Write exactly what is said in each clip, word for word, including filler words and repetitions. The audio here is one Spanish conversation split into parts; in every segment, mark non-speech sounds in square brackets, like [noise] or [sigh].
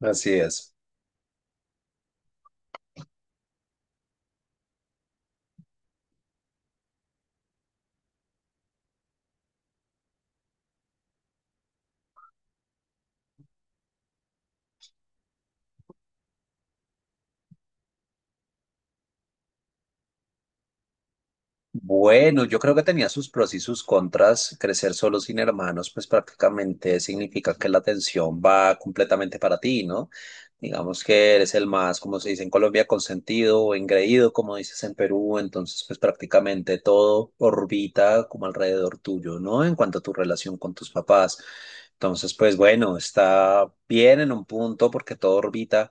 Así es. Bueno, yo creo que tenía sus pros y sus contras. Crecer solo sin hermanos, pues prácticamente significa que la atención va completamente para ti, ¿no? Digamos que eres el más, como se dice en Colombia, consentido o engreído, como dices en Perú. Entonces, pues prácticamente todo orbita como alrededor tuyo, ¿no? En cuanto a tu relación con tus papás. Entonces, pues bueno, está bien en un punto porque todo orbita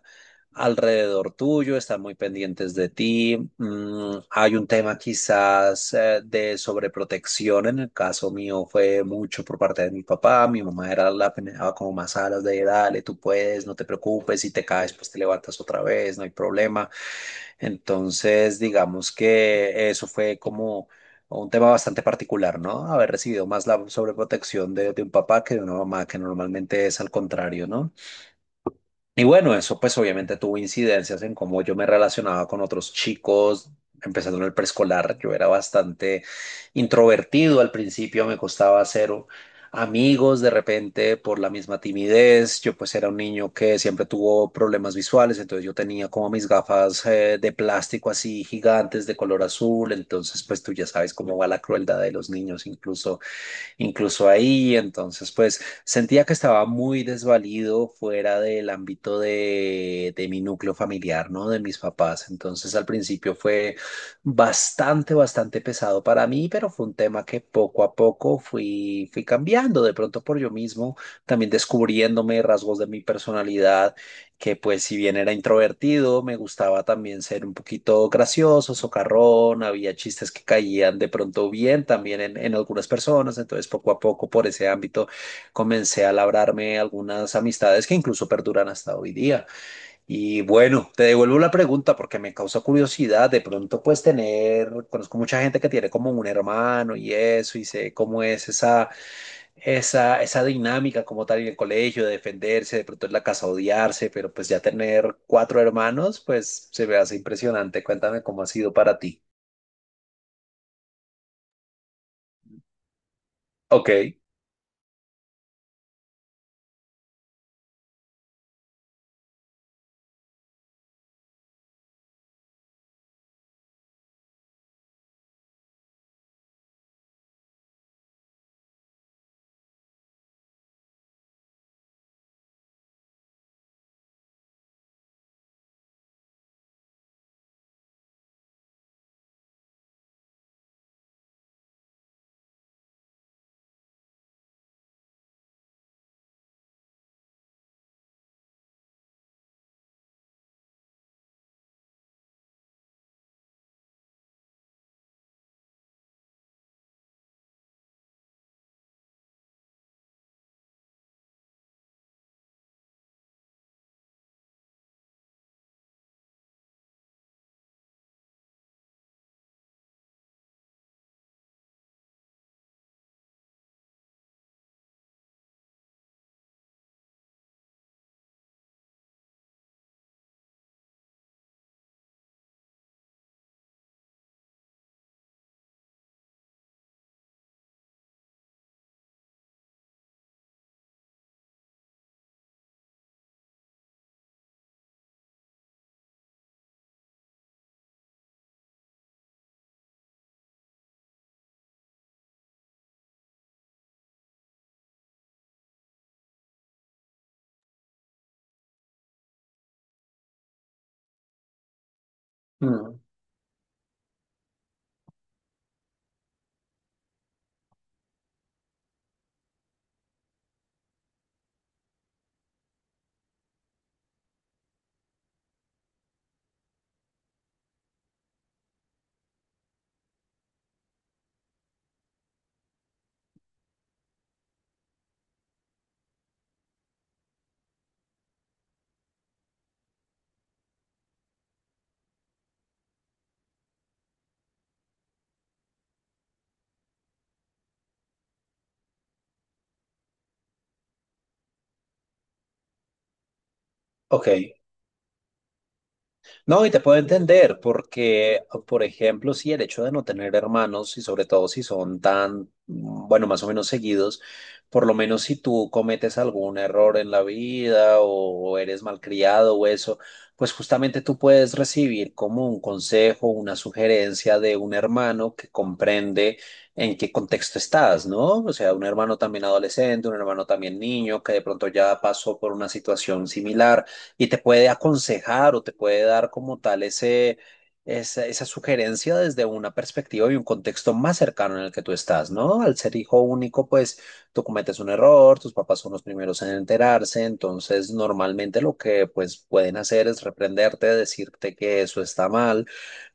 alrededor tuyo, están muy pendientes de ti. Mm, hay un tema quizás eh, de sobreprotección. En el caso mío fue mucho por parte de mi papá. Mi mamá era la que me daba como más alas de dale, tú puedes, no te preocupes, si te caes, pues te levantas otra vez, no hay problema. Entonces, digamos que eso fue como un tema bastante particular, ¿no? Haber recibido más la sobreprotección de, de un papá que de una mamá, que normalmente es al contrario, ¿no? Y bueno, eso pues obviamente tuvo incidencias en cómo yo me relacionaba con otros chicos, empezando en el preescolar. Yo era bastante introvertido al principio, me costaba hacer amigos de repente por la misma timidez. Yo pues era un niño que siempre tuvo problemas visuales, entonces yo tenía como mis gafas eh, de plástico así gigantes de color azul, entonces pues tú ya sabes cómo va la crueldad de los niños, incluso incluso ahí. Entonces, pues sentía que estaba muy desvalido fuera del ámbito de, de mi núcleo familiar, ¿no? De mis papás. Entonces, al principio fue bastante, bastante pesado para mí, pero fue un tema que poco a poco fui, fui cambiando, de pronto por yo mismo, también descubriéndome rasgos de mi personalidad que pues si bien era introvertido, me gustaba también ser un poquito gracioso, socarrón, había chistes que caían de pronto bien también en, en algunas personas, entonces poco a poco por ese ámbito comencé a labrarme algunas amistades que incluso perduran hasta hoy día. Y bueno, te devuelvo la pregunta porque me causa curiosidad, de pronto pues tener, conozco mucha gente que tiene como un hermano y eso, y sé cómo es esa esa, esa dinámica como tal en el colegio, de defenderse, de pronto en la casa odiarse, pero pues ya tener cuatro hermanos, pues se me hace impresionante. Cuéntame cómo ha sido para ti. Ok. Mm, ok. No, y te puedo entender, porque, por ejemplo, sí, el hecho de no tener hermanos, y sobre todo si son tan, bueno, más o menos seguidos, por lo menos si tú cometes algún error en la vida o eres malcriado o eso, pues justamente tú puedes recibir como un consejo, una sugerencia de un hermano que comprende en qué contexto estás, ¿no? O sea, un hermano también adolescente, un hermano también niño, que de pronto ya pasó por una situación similar y te puede aconsejar o te puede dar como tal ese, esa, esa sugerencia desde una perspectiva y un contexto más cercano en el que tú estás, ¿no? Al ser hijo único, pues tú cometes un error, tus papás son los primeros en enterarse, entonces normalmente lo que pues pueden hacer es reprenderte, decirte que eso está mal,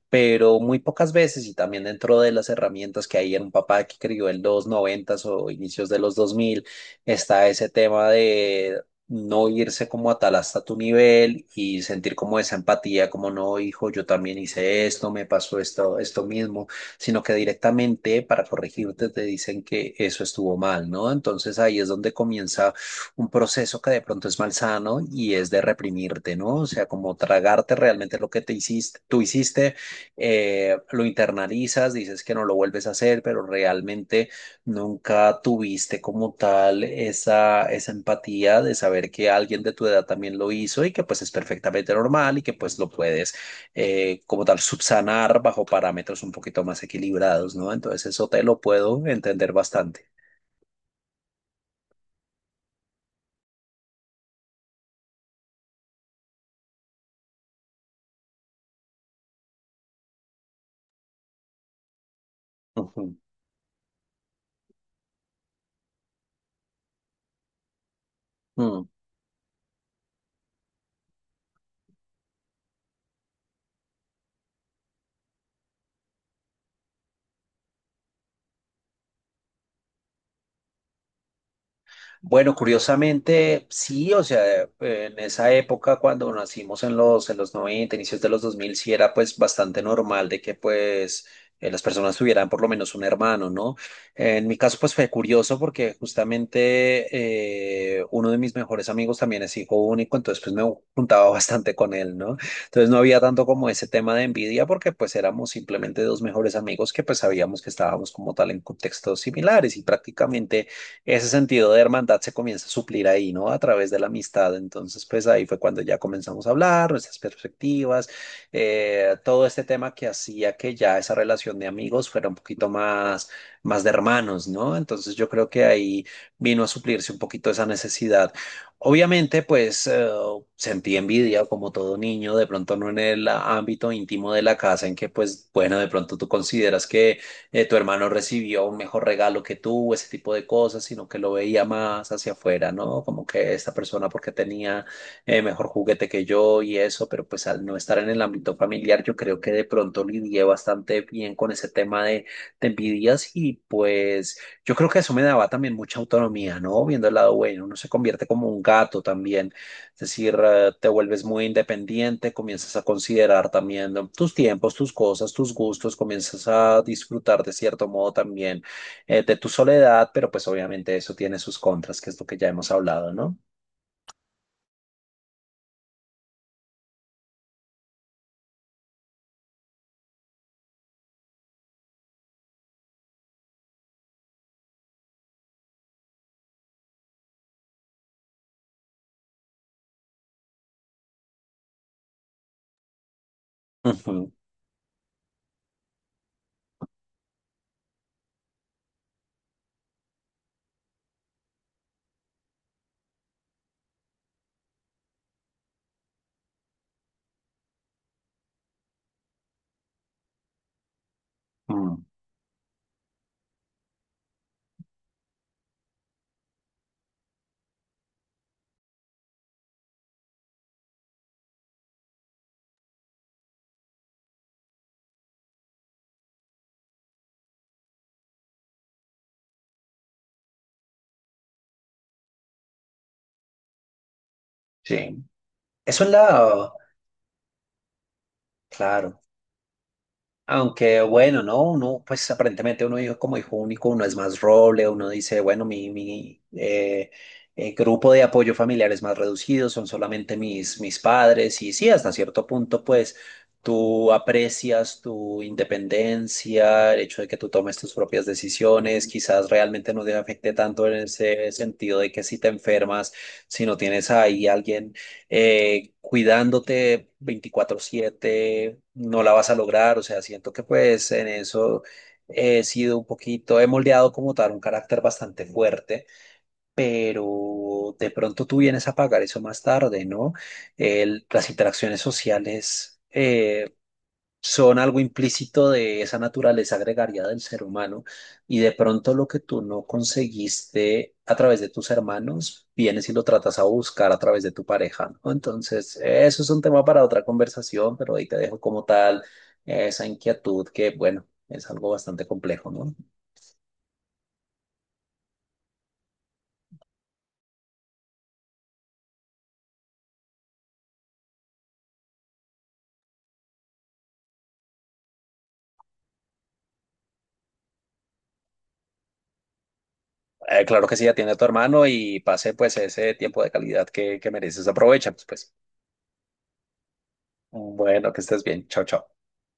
pero muy pocas veces, y también dentro de las herramientas que hay en un papá que crió en los noventas o inicios de los dos mil está ese tema de no irse como a tal hasta tu nivel y sentir como esa empatía, como no, hijo, yo también hice esto, me pasó esto, esto mismo, sino que directamente para corregirte te dicen que eso estuvo mal, ¿no? Entonces ahí es donde comienza un proceso que de pronto es malsano y es de reprimirte, ¿no? O sea, como tragarte realmente lo que te hiciste, tú hiciste, eh, lo internalizas, dices que no lo vuelves a hacer, pero realmente nunca tuviste como tal esa, esa empatía de saber que alguien de tu edad también lo hizo y que pues es perfectamente normal y que pues lo puedes eh, como tal subsanar bajo parámetros un poquito más equilibrados, ¿no? Entonces eso te lo puedo entender bastante. Ujú. Mm. Bueno, curiosamente, sí, o sea, eh, en esa época cuando nacimos en los, en los noventa, inicios de los dos mil, sí era pues bastante normal de que pues eh, las personas tuvieran por lo menos un hermano, ¿no? En mi caso pues fue curioso porque justamente eh, uno de mis mejores amigos también es hijo único, entonces pues me juntaba [laughs] bastante con él, ¿no? Entonces no había tanto como ese tema de envidia porque pues éramos simplemente dos mejores amigos que pues sabíamos que estábamos como tal en contextos similares y prácticamente ese sentido de hermandad se comienza a suplir ahí, ¿no? A través de la amistad. Entonces, pues ahí fue cuando ya comenzamos a hablar, nuestras perspectivas, eh, todo este tema que hacía que ya esa relación de amigos fuera un poquito más, más de hermanos, ¿no? Entonces, yo creo que ahí vino a suplirse un poquito esa necesidad. Obviamente, pues eh, sentí envidia como todo niño, de pronto no en el ámbito íntimo de la casa, en que pues bueno, de pronto tú consideras que eh, tu hermano recibió un mejor regalo que tú, ese tipo de cosas, sino que lo veía más hacia afuera, ¿no? Como que esta persona porque tenía, eh, mejor juguete que yo y eso, pero pues al no estar en el ámbito familiar, yo creo que de pronto lidié bastante bien con ese tema de, de envidias y pues yo creo que eso me daba también mucha autonomía, ¿no? Viendo el lado bueno, uno se convierte como un gato también. Es decir, eh, te vuelves muy independiente, comienzas a considerar también, ¿no? Tus tiempos, tus cosas, tus gustos, comienzas a disfrutar de cierto modo también, eh, de tu soledad, pero pues obviamente eso tiene sus contras, que es lo que ya hemos hablado, ¿no? Ujú, mm, sí. Eso es la... Claro. Aunque bueno, no, uno, pues aparentemente uno dijo como hijo único, uno es más roble, uno dice, bueno, mi, mi eh, eh, grupo de apoyo familiar es más reducido, son solamente mis, mis padres, y sí, hasta cierto punto, pues tú aprecias tu independencia, el hecho de que tú tomes tus propias decisiones, quizás realmente no te afecte tanto en ese sentido de que si te enfermas, si no tienes ahí alguien eh, cuidándote veinticuatro siete, no la vas a lograr. O sea, siento que pues en eso he sido un poquito, he moldeado como tal un carácter bastante fuerte, pero de pronto tú vienes a pagar eso más tarde, ¿no? El- las interacciones sociales eh, son algo implícito de esa naturaleza gregaria del ser humano y de pronto lo que tú no conseguiste a través de tus hermanos, vienes y lo tratas a buscar a través de tu pareja, ¿no? Entonces, eso es un tema para otra conversación, pero ahí te dejo como tal esa inquietud que, bueno, es algo bastante complejo, ¿no? Eh, claro que sí, atiende a tu hermano y pase pues ese tiempo de calidad que, que mereces, aprovecha, pues, pues. Bueno, que estés bien, chao, chao.